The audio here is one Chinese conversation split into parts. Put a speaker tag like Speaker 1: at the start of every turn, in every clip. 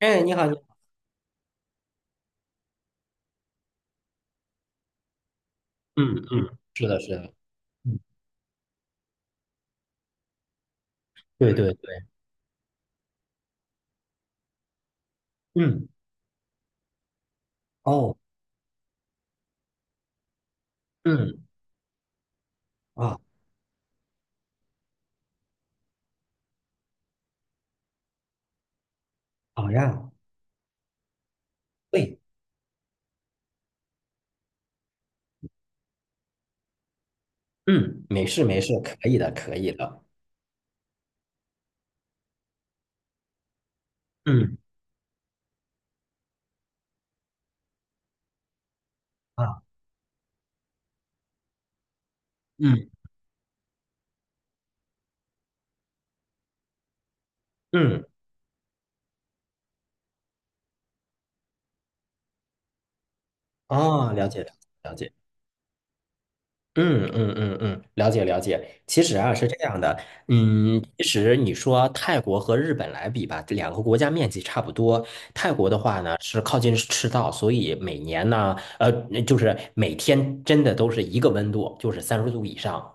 Speaker 1: 哎，你好，你好。嗯，是的，是的。嗯，对对对。嗯哦，嗯啊，好呀。对，嗯，没事没事，可以的，可以的。嗯啊，嗯嗯，哦，了解了解了解。嗯，了解了解。其实啊是这样的。其实你说泰国和日本来比吧，这两个国家面积差不多。泰国的话呢是靠近赤道，所以每年呢，呃，就是每天真的都是一个温度，就是三十度以上。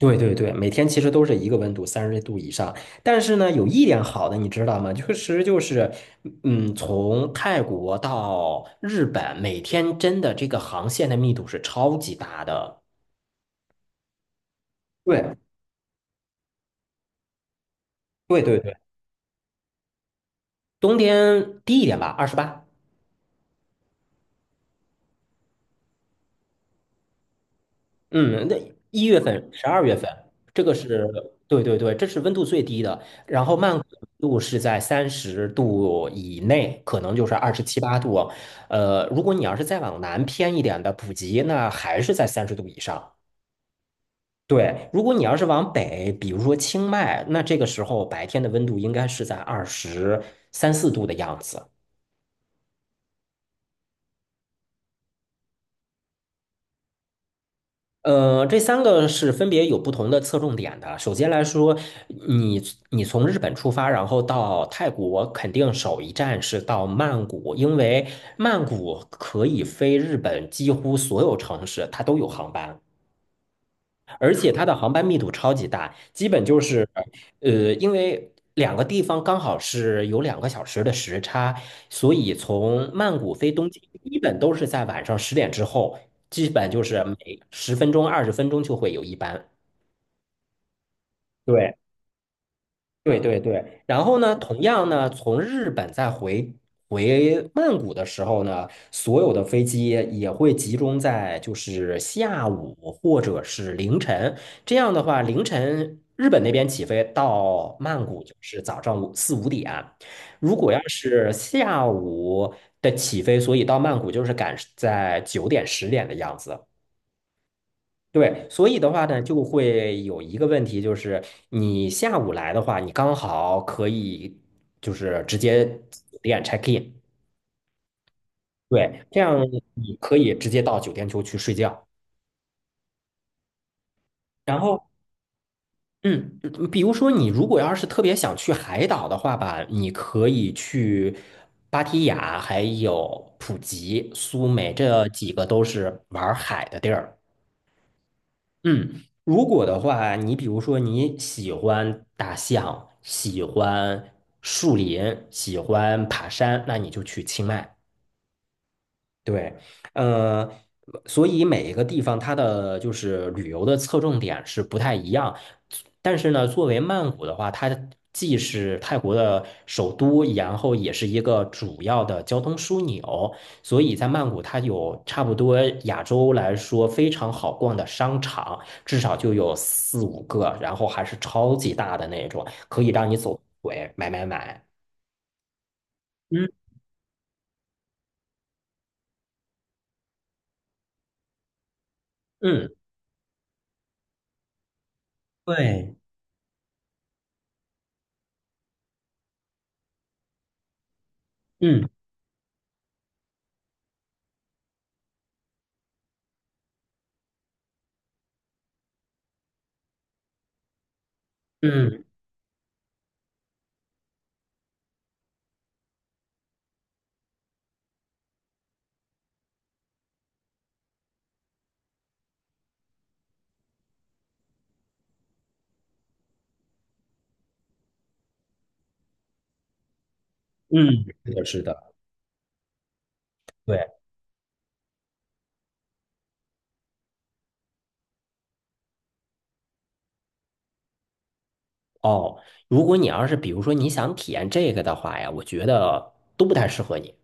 Speaker 1: 对对对，每天其实都是一个温度，三十度以上。但是呢，有一点好的，你知道吗？确实就是，从泰国到日本，每天真的这个航线的密度是超级大的。对对对对，冬天低一点吧，28。嗯，那1月份、12月份，这个是对对对，这是温度最低的。然后慢谷的温度是在三十度以内，可能就是二十七八度。如果你要是再往南偏一点的普吉，那还是在三十度以上。对，如果你要是往北，比如说清迈，那这个时候白天的温度应该是在二十三四度的样子。这三个是分别有不同的侧重点的。首先来说，你你从日本出发，然后到泰国，肯定首一站是到曼谷，因为曼谷可以飞日本几乎所有城市，它都有航班。而且它的航班密度超级大，基本就是，因为两个地方刚好是有两个小时的时差，所以从曼谷飞东京，基本都是在晚上十点之后，基本就是每十分钟、20分钟就会有一班。对，对对对，然后呢，同样呢，从日本再回曼谷的时候呢，所有的飞机也会集中在就是下午或者是凌晨。这样的话，凌晨日本那边起飞到曼谷就是早上五四五点，如果要是下午的起飞，所以到曼谷就是赶在9点十点的样子。对，所以的话呢，就会有一个问题，就是你下午来的话，你刚好可以就是直接酒店 check in。对，这样你可以直接到酒店就去睡觉。然后，嗯比如说你如果要是特别想去海岛的话吧，你可以去芭提雅，还有普吉、苏梅，这几个都是玩海的地儿。嗯，如果的话，你比如说你喜欢大象，喜欢树林，喜欢爬山，那你就去清迈。对，呃，所以每一个地方它的就是旅游的侧重点是不太一样，但是呢，作为曼谷的话，它既是泰国的首都，然后也是一个主要的交通枢纽，所以在曼谷它有差不多亚洲来说非常好逛的商场，至少就有四五个，然后还是超级大的那种，可以让你走腿买买买。嗯嗯，对，嗯嗯嗯，是的，是的。对，哦，如果你要是比如说你想体验这个的话呀，我觉得都不太适合你。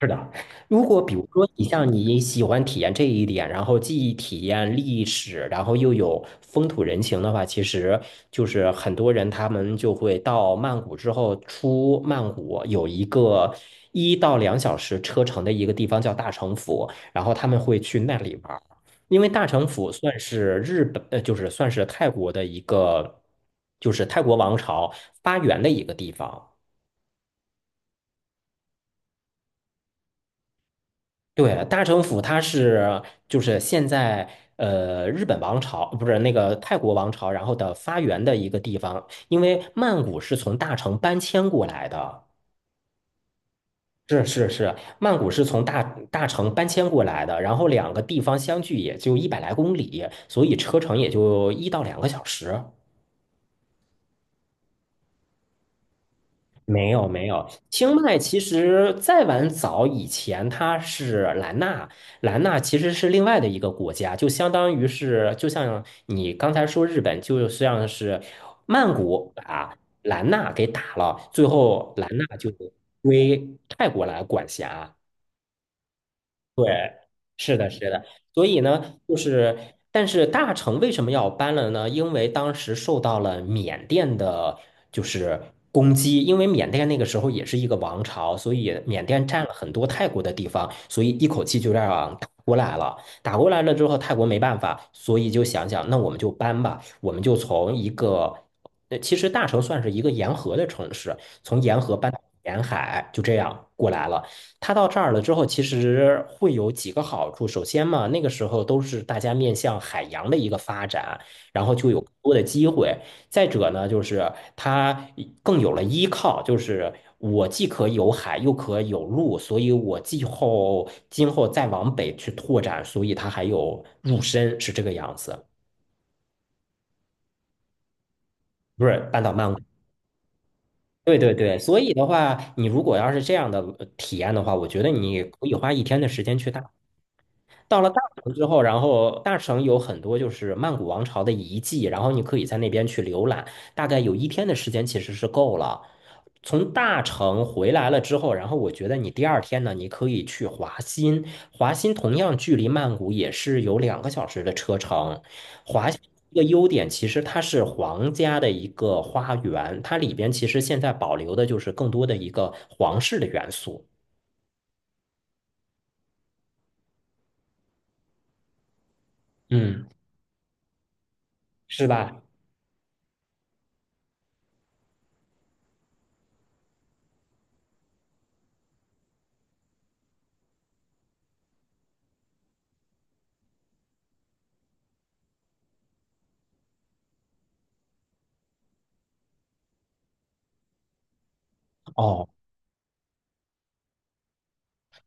Speaker 1: 是的，如果比如说你像你喜欢体验这一点，然后既体验历史，然后又有风土人情的话，其实就是很多人他们就会到曼谷之后，出曼谷有一个1到2小时车程的一个地方叫大城府，然后他们会去那里玩儿，因为大城府算是日本，就是算是泰国的一个，就是泰国王朝发源的一个地方。对，大城府它是就是现在日本王朝不是那个泰国王朝，然后的发源的一个地方，因为曼谷是从大城搬迁过来的。是是是，曼谷是从大城搬迁过来的，然后两个地方相距也就100来公里，所以车程也就1到2个小时。没有没有，清迈其实再往早以前，它是兰纳，兰纳其实是另外的一个国家，就相当于是，就像你刚才说日本，就像是曼谷把兰纳给打了，最后兰纳就归泰国来管辖。对，是的，是的，所以呢，就是，但是大成为什么要搬了呢？因为当时受到了缅甸的，就是攻击，因为缅甸那个时候也是一个王朝，所以缅甸占了很多泰国的地方，所以一口气就这样打过来了。打过来了之后，泰国没办法，所以就想想，那我们就搬吧，我们就从一个，其实大城算是一个沿河的城市，从沿河搬到沿海，就这样过来了。它到这儿了之后，其实会有几个好处。首先嘛，那个时候都是大家面向海洋的一个发展，然后就有更多的机会。再者呢，就是它更有了依靠，就是我既可有海，又可有陆，所以我既后今后再往北去拓展，所以它还有入深，是这个样子，不是半岛漫谷。对对对，所以的话，你如果要是这样的体验的话，我觉得你可以花一天的时间去大到了大城之后，然后大城有很多就是曼谷王朝的遗迹，然后你可以在那边去浏览，大概有一天的时间其实是够了。从大城回来了之后，然后我觉得你第二天呢，你可以去华欣，华欣同样距离曼谷也是有两个小时的车程。华欣一个优点其实它是皇家的一个花园，它里边其实现在保留的就是更多的一个皇室的元素。嗯，是吧？哦。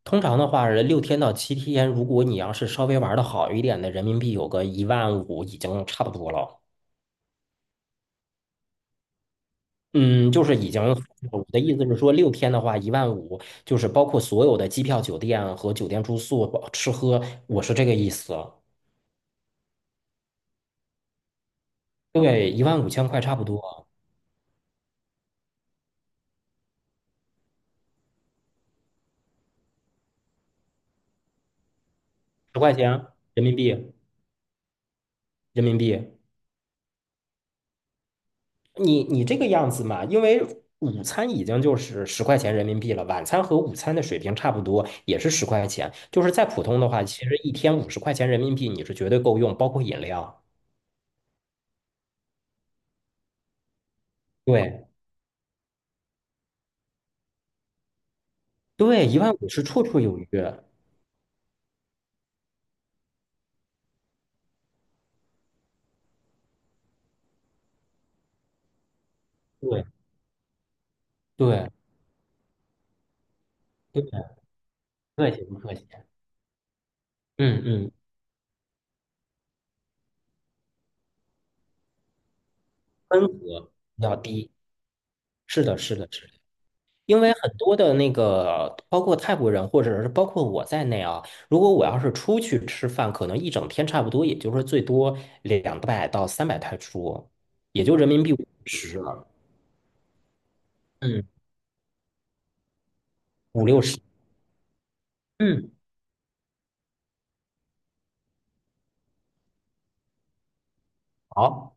Speaker 1: 通常的话是六天到7天，如果你要是稍微玩的好一点的，人民币有个一万五已经差不多了。嗯，就是已经，我的意思是说，六天的话，一万五，就是包括所有的机票、酒店和酒店住宿、包吃喝，我是这个意思。对，1万5千块差不多，十块钱人民币，人民币。你这个样子嘛，因为午餐已经就是十块钱人民币了，晚餐和午餐的水平差不多，也是十块钱。就是再普通的话，其实一天50块钱人民币你是绝对够用，包括饮料。对对，一万五是绰绰有余。对对对，客气不客气？嗯嗯，分格要低。是的，是的，是的。因为很多的那个，包括泰国人或者是包括我在内啊，如果我要是出去吃饭，可能一整天差不多，也就是最多200到300泰铢，也就人民币五十，嗯，五六十。嗯，好，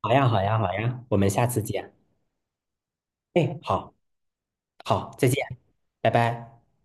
Speaker 1: 好呀，好呀，好呀，我们下次见。哎，好，好，再见，拜拜。